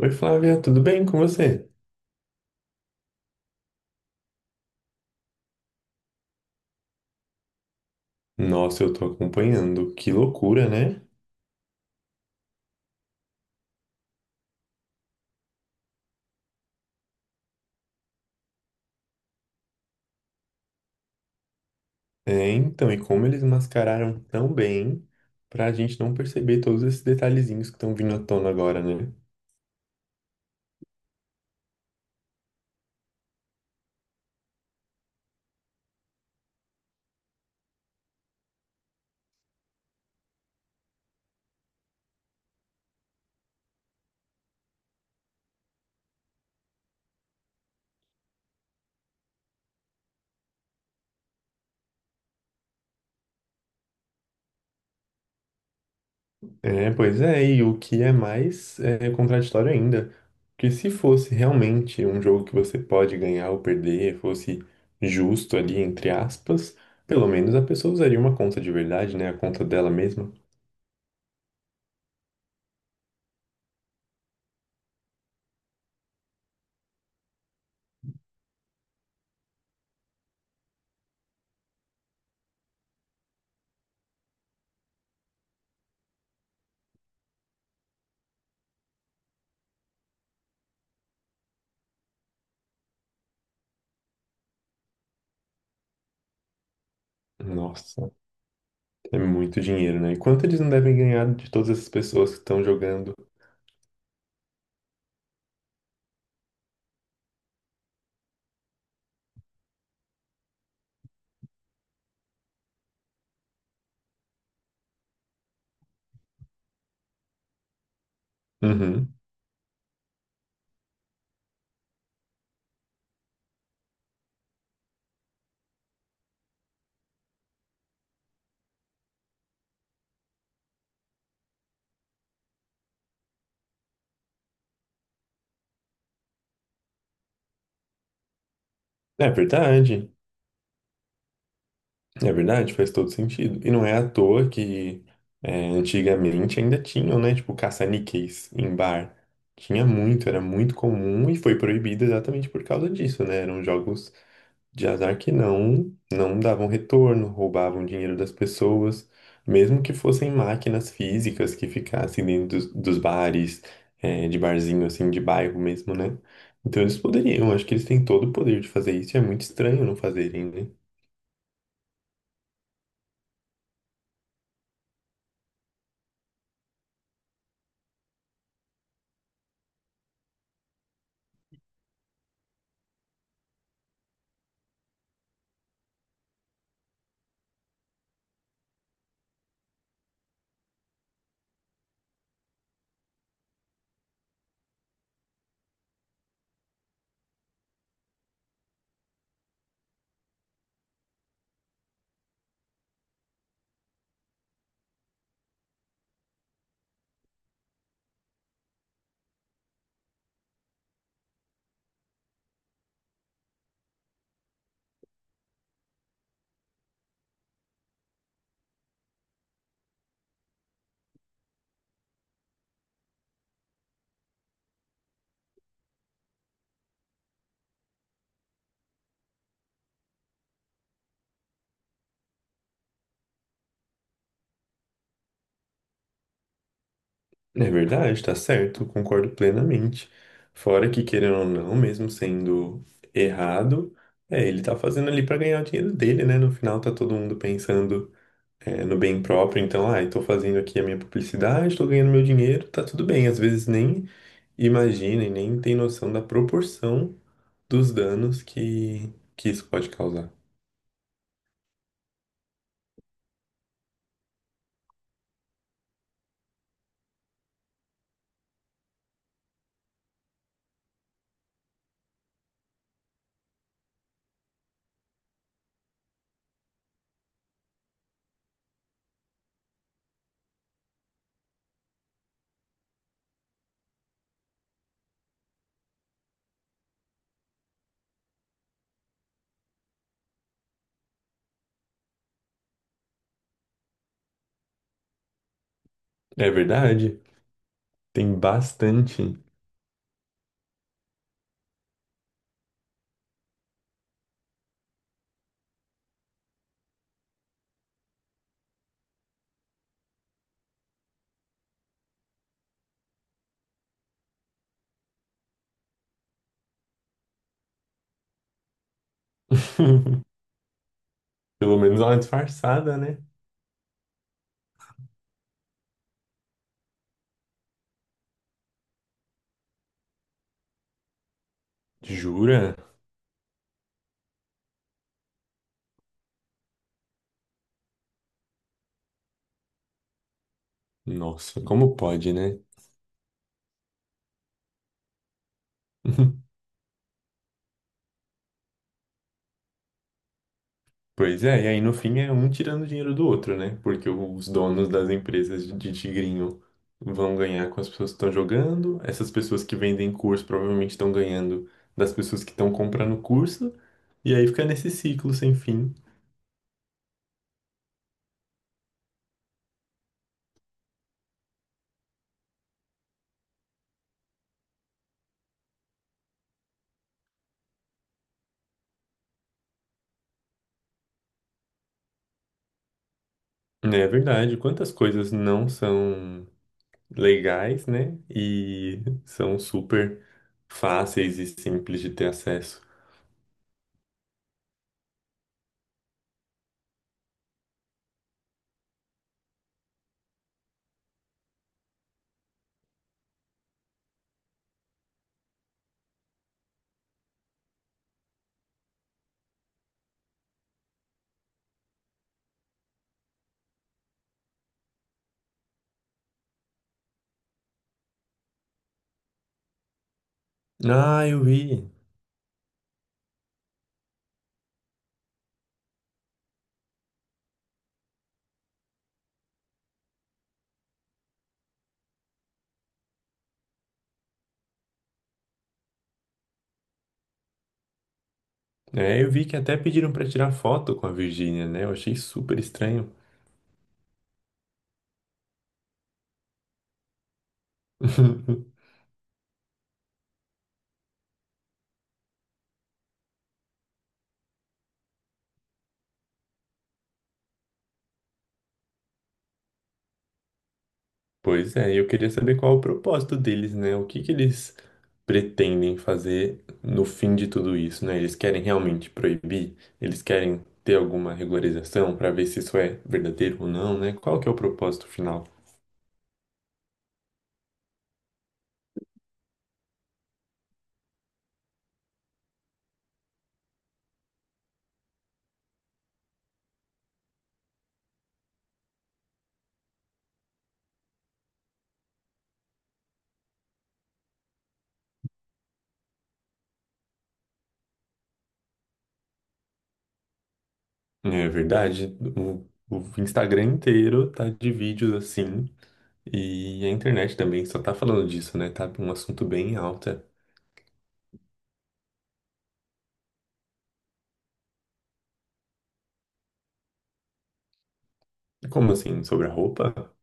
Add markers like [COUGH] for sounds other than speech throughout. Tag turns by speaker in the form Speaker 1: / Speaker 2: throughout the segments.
Speaker 1: Oi, Flávia, tudo bem com você? Nossa, eu tô acompanhando. Que loucura, né? Então, e como eles mascararam tão bem pra gente não perceber todos esses detalhezinhos que estão vindo à tona agora, né? É, pois é, e o que é mais contraditório ainda, que se fosse realmente um jogo que você pode ganhar ou perder, fosse justo ali, entre aspas, pelo menos a pessoa usaria uma conta de verdade, né? A conta dela mesma. Nossa. É muito dinheiro, né? E quanto eles não devem ganhar de todas essas pessoas que estão jogando? Uhum. É verdade, é verdade, faz todo sentido. E não é à toa que antigamente ainda tinham, né? Tipo, caça-níqueis em bar. Tinha muito, era muito comum e foi proibido exatamente por causa disso, né? Eram jogos de azar que não davam retorno, roubavam dinheiro das pessoas, mesmo que fossem máquinas físicas que ficassem dentro dos bares, de barzinho assim, de bairro mesmo, né? Então eles poderiam, acho que eles têm todo o poder de fazer isso, e é muito estranho não fazerem, né? É verdade, tá certo, concordo plenamente. Fora que, querendo ou não, mesmo sendo errado, ele tá fazendo ali pra ganhar o dinheiro dele, né? No final tá todo mundo pensando. No bem próprio. Então, ah, estou fazendo aqui a minha publicidade, estou ganhando meu dinheiro, tá tudo bem. Às vezes nem imagina e nem tem noção da proporção dos danos que isso pode causar. É verdade, tem bastante. [LAUGHS] Pelo menos dá uma disfarçada, né? Jura? Nossa, como pode, né? [LAUGHS] Pois é, e aí no fim é um tirando dinheiro do outro, né? Porque os donos das empresas de tigrinho vão ganhar com as pessoas que estão jogando, essas pessoas que vendem curso provavelmente estão ganhando das pessoas que estão comprando curso, e aí fica nesse ciclo sem fim. Né, é verdade, quantas coisas não são legais, né? E são super fáceis e simples de ter acesso. Ah, eu vi. É, eu vi que até pediram para tirar foto com a Virgínia, né? Eu achei super estranho. [LAUGHS] Pois é, eu queria saber qual é o propósito deles, né? O que que eles pretendem fazer no fim de tudo isso, né? Eles querem realmente proibir? Eles querem ter alguma regularização para ver se isso é verdadeiro ou não, né? Qual que é o propósito final? É verdade, o Instagram inteiro tá de vídeos assim, e a internet também só tá falando disso, né? Tá um assunto bem alta. Como assim? Sobre a roupa?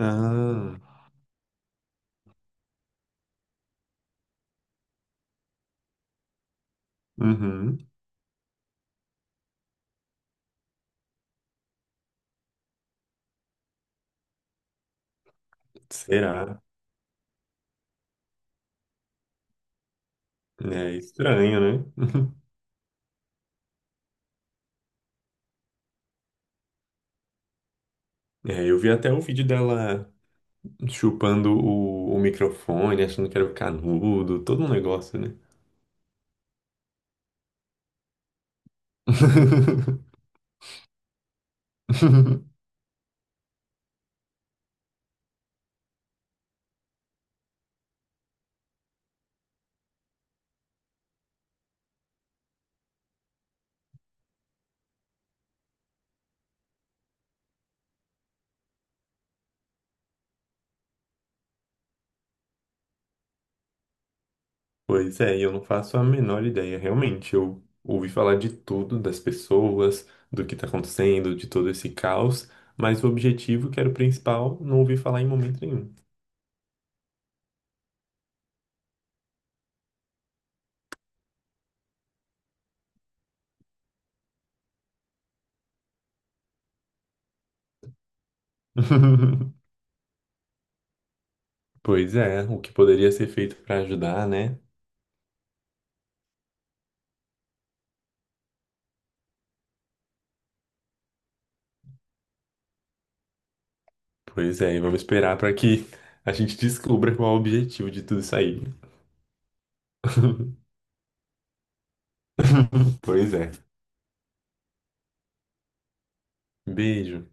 Speaker 1: Ah, uhum. Será? É estranho, né? [LAUGHS] É, eu vi até o vídeo dela chupando o microfone, achando que era o canudo, todo um negócio, né? [LAUGHS] Pois é, e eu não faço a menor ideia, realmente. Eu ouvi falar de tudo, das pessoas, do que tá acontecendo, de todo esse caos, mas o objetivo, que era o principal, não ouvi falar em momento nenhum. [LAUGHS] Pois é, o que poderia ser feito pra ajudar, né? Pois é, e vamos esperar para que a gente descubra qual é o objetivo de tudo isso aí. [LAUGHS] Pois é. Beijo.